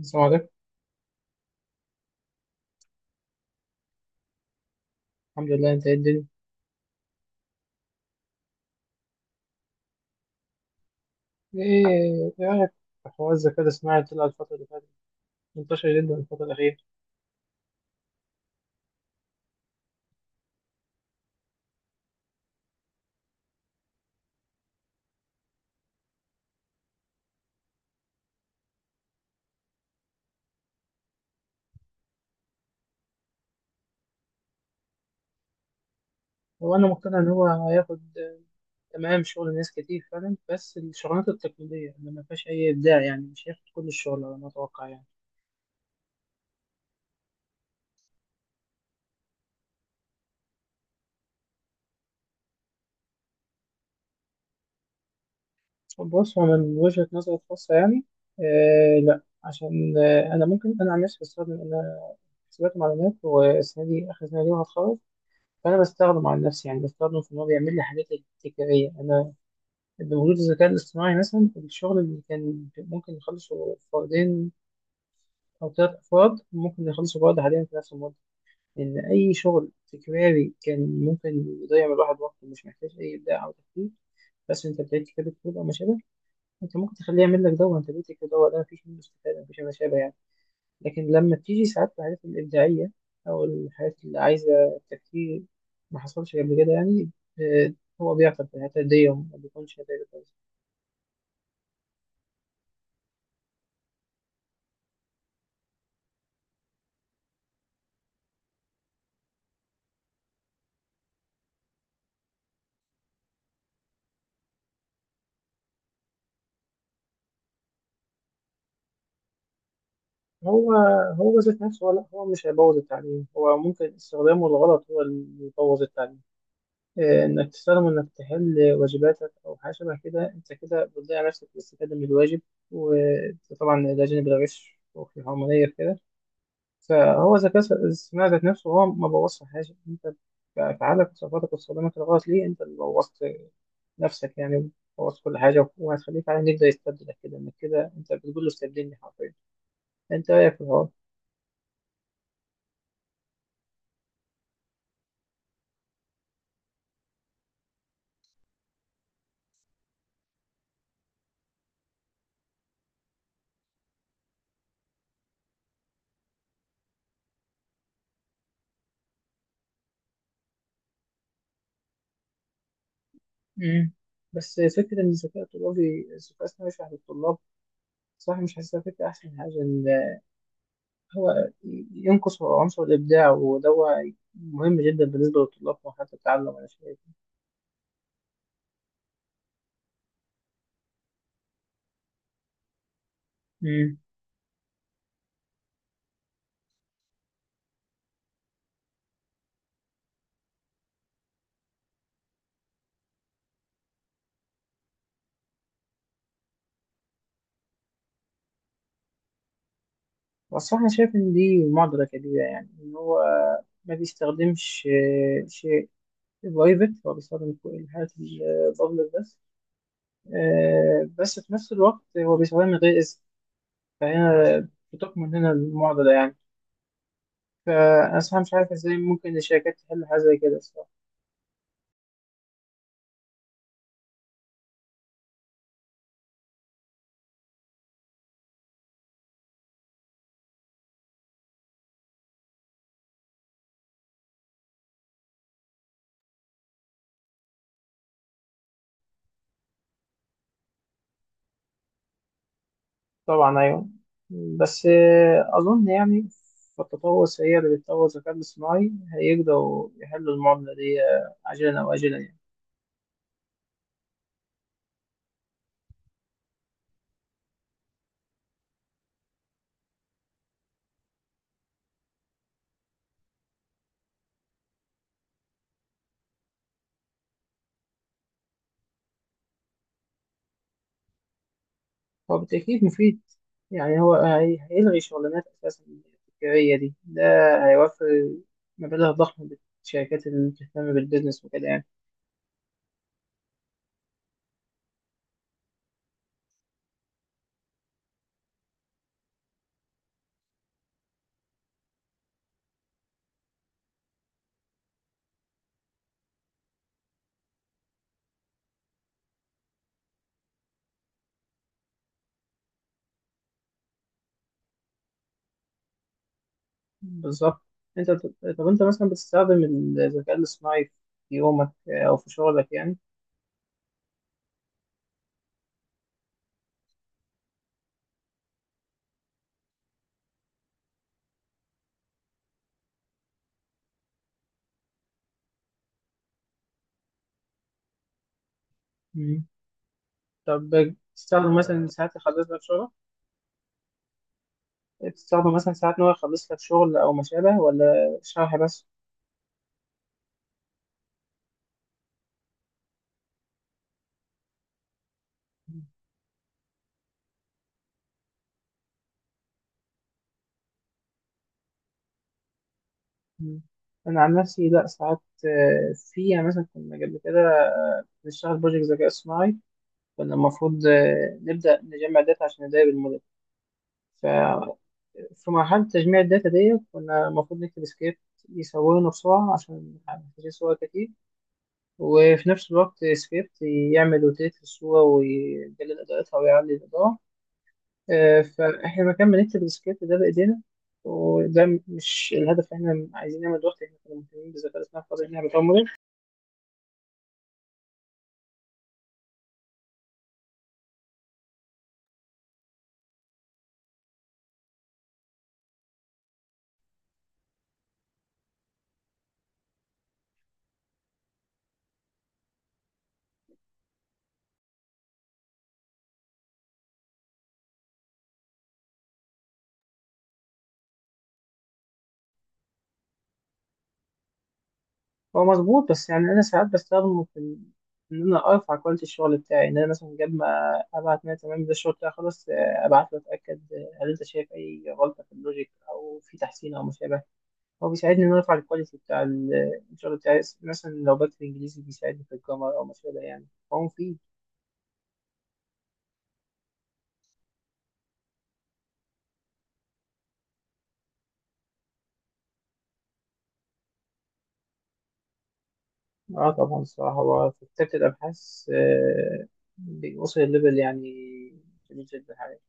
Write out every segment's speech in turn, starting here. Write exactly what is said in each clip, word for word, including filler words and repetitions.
السلام عليكم. الحمد لله، انت ايه الدنيا؟ ايه ايه رايك في حوار الذكاء الاصطناعي؟ طلع الفتره اللي فاتت منتشر جدا الفتره الاخيره. هو انا مقتنع ان هو هياخد آه، تمام شغل ناس كتير فعلا، بس الشغلانات التقليديه اللي ما فيهاش اي ابداع يعني مش هياخد كل الشغل على ما اتوقع يعني. بص، هو من وجهه نظري الخاصه يعني آه لا، عشان آه انا، ممكن انا عن نفسي بستخدم، انا حسابات معلومات والسنه دي اخر سنه ليا وهتخرج، فانا بستخدم على نفسي يعني، بستخدم في ان هو بيعمل لي حاجات تكراريه. انا بوجود الذكاء الاصطناعي، مثلا الشغل اللي كان ممكن يخلصه فردين أو ثلاث أفراد ممكن يخلصوا بعض حاليا في نفس المدة، لأن أي شغل تكراري كان ممكن يضيع من الواحد وقته، مش محتاج أي إبداع أو تفكير. بس أنت بتعيد كتابة كود أو ما شابه، أنت ممكن تخليه يعمل لك ده وأنت بتكتب ده، وده مفيش منه استفادة، مفيش ما شابه يعني. لكن لما بتيجي ساعات الحاجات الإبداعية أو الحاجات اللي عايزة تفكير ما حصلش قبل كده يعني، آه، هو بيعطل في الحتة دي وما بيكونش نتائجه كويسة. هو هو ذات نفسه، هو لا، هو مش هيبوظ التعليم، هو ممكن استخدامه الغلط هو اللي يبوظ التعليم. آه، انك تستخدم، انك تحل واجباتك او حاجه شبه كده، انت كده بتضيع نفسك في الاستفاده من الواجب، وطبعا ده جانب الغش وفي الحرمانيه في كده. فهو ذكاء الاصطناعي ذات نفسه هو ما بوظش حاجه، انت بافعالك وصفاتك واستخدامك الغلط ليه، انت اللي بوظت نفسك يعني، بوظت كل حاجه. وهتخليك على انك ده يستبدلك، كده انك كده انت بتقول له استبدلني حرفيا. انت رايك في الحوار؟ مم. بس فكرة إن الذكاء الطلابي، الذكاء الصناعي يشرح للطلاب، صراحة مش حاسسها فكرة أحسن حاجة. ال- هو ينقص عنصر الإبداع، وده هو مهم جدا بالنسبة للطلاب في مرحلة التعلم، أنا شايف. مم. والصراحة أنا شايف إن دي معضلة كبيرة، يعني إن هو ما بيستخدمش آه، شيء برايفت، هو بيستخدم كل الحاجات البابليك بس. آه، بس في نفس الوقت هو بيستخدمها من غير إذن، فهنا بتكمن هنا المعضلة يعني. فأنا صراحة مش عارف إزاي ممكن الشركات تحل حاجة زي كده الصراحة. طبعا أيوة. بس آه، أظن يعني في التطور السريع اللي بيتطور الذكاء الاصطناعي هيقدروا يحلوا المعضلة دي آه، عاجلا أو آجلا يعني. هو بالتأكيد مفيد، يعني هو هي- هيلغي شغلانات. أساسا التكرارية دي ده هيوفر مبالغ ضخمة للشركات اللي بتهتم بالبيزنس وكده يعني. بالظبط. أنت بت- طب أنت مثلا بتستخدم الذكاء الاصطناعي في يومك آه، أو في شغلك يعني؟ طب تستخدم مثلا ساعات يخلص لك شغل؟ تستخدم مثلا ساعات إن هو يخلص لك شغل أو ما شابه، ولا شرح بس؟ مم. أنا عن نفسي لأ. ساعات آه، في يعني، مثلا كنا قبل كده بنشتغل بروجكت ذكاء اصطناعي، كنا المفروض آه، نبدأ نجمع داتا عشان نراقب الموديل. ففي مرحلة تجميع الداتا دي كنا المفروض نكتب سكريبت يصورنا بسرعة عشان محتاجين صور كتير، وفي نفس الوقت سكريبت يعمل روتيت للصورة، ويقلل إضاءتها ويعلي الإضاءة. آه، فاحنا مكان ما نكتب السكريبت ده بايدينا، وده م- مش الهدف اللي احنا عايزين نعمل دلوقتي، احنا كنا مهتمين بالذكاء الاصطناعي في قضيه ان احنا بنطور موديل. هو مظبوط، بس يعني انا ساعات بستخدمه في ال- ان انا ارفع كواليتي الشغل بتاعي، ان انا مثلا قبل ما ابعت ناس تمام ده الشغل بتاعي خلاص، آه، ابعت له اتاكد، آه، هل انت شايف اي غلطه في اللوجيك او في تحسين او مشابه. هو بيساعدني ان انا ارفع الكواليتي بتاع ال- الشغل بتاعي، مثلا لو بكتب انجليزي بيساعدني في الجرامر او مشابه يعني. هو مفيد. اه طبعا، الصراحة هو في كتابة الأبحاث آه، بيوصل الليفل يعني جميل جدا حقيقي.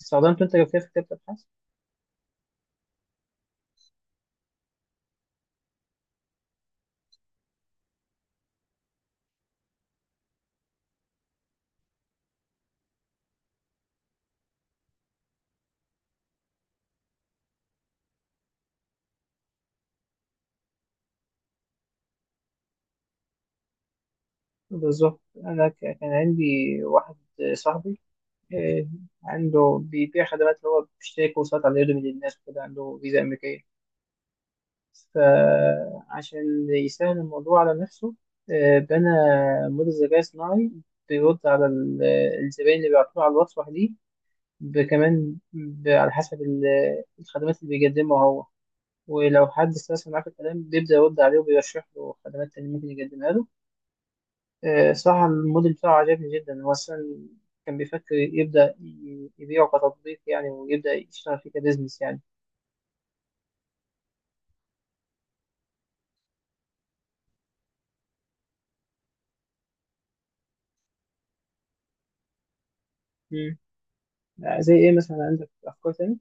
استخدمت أنت جافية في كتابة الأبحاث؟ بالظبط. أنا ك- كان عندي واحد صاحبي، آه، عنده بيبيع خدمات، اللي هو بيشتري كورسات على يوديمي للناس وكده، عنده فيزا أمريكية، فعشان يسهل الموضوع على نفسه آه، بنى موديل ذكاء صناعي بيرد على ال- الزبائن اللي بيعترضوا على الوصفة دي، كمان ب- على حسب ال- الخدمات اللي بيقدمها هو، ولو حد استرسل معاه في الكلام بيبدأ يرد عليه وبيرشح له خدمات تانية ممكن يقدمها له. آه، صراحة الموديل بتاعه عجبني جدا. هو أصلا كان بيفكر يبدأ ي- يبيعه كتطبيق يعني، ويبدأ يشتغل فيه كبزنس يعني. مم. آه، زي إيه مثلا، عندك أفكار تانية؟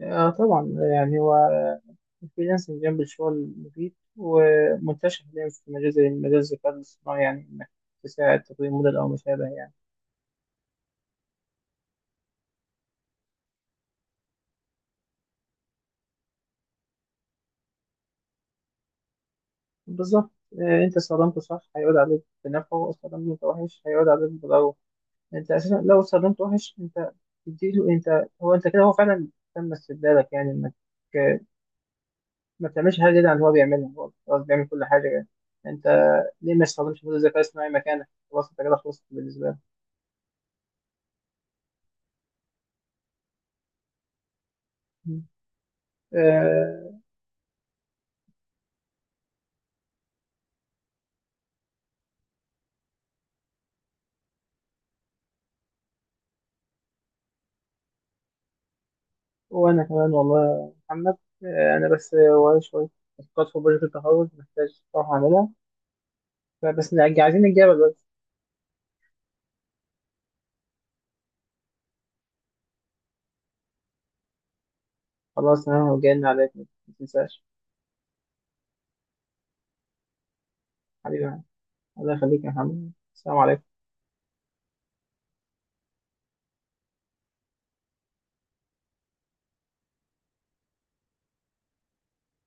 آه طبعا، يعني هو الفريلانسنج جنب الشغل مفيد ومنتشر حاليا في مجال زي مجال الذكاء الاصطناعي، يعني إنك تساعد تطوير موديل أو ما شابه يعني. بالظبط. آه، انت استخدمته صح هيعود عليك بنفعه، استخدمته وحش هيعود عليك بضرره. انت اساسا لو استخدمته وحش، انت تديله انت، هو انت كده، هو فعلا تم استبدالك يعني، انك آه، ما بتعملش حاجه جديده عن اللي هو بيعملها، هو خلاص بيعمل كل حاجه يعني. انت ليه ما استخدمش موديل الذكاء الاصطناعي مكانك؟ خلاص انت كده خلصت بالنسبه لك. مم. آه. وانا كمان، والله يا محمد. آه انا بس آه، ورايا شويه تاسكات في بروجكت التخرج محتاج اروح اعملها، فبس عايزين نتجابل بس. خلاص، انا هجن عليك، ما تنساش. حبيبي، الله يخليك يا محمد، السلام عليكم.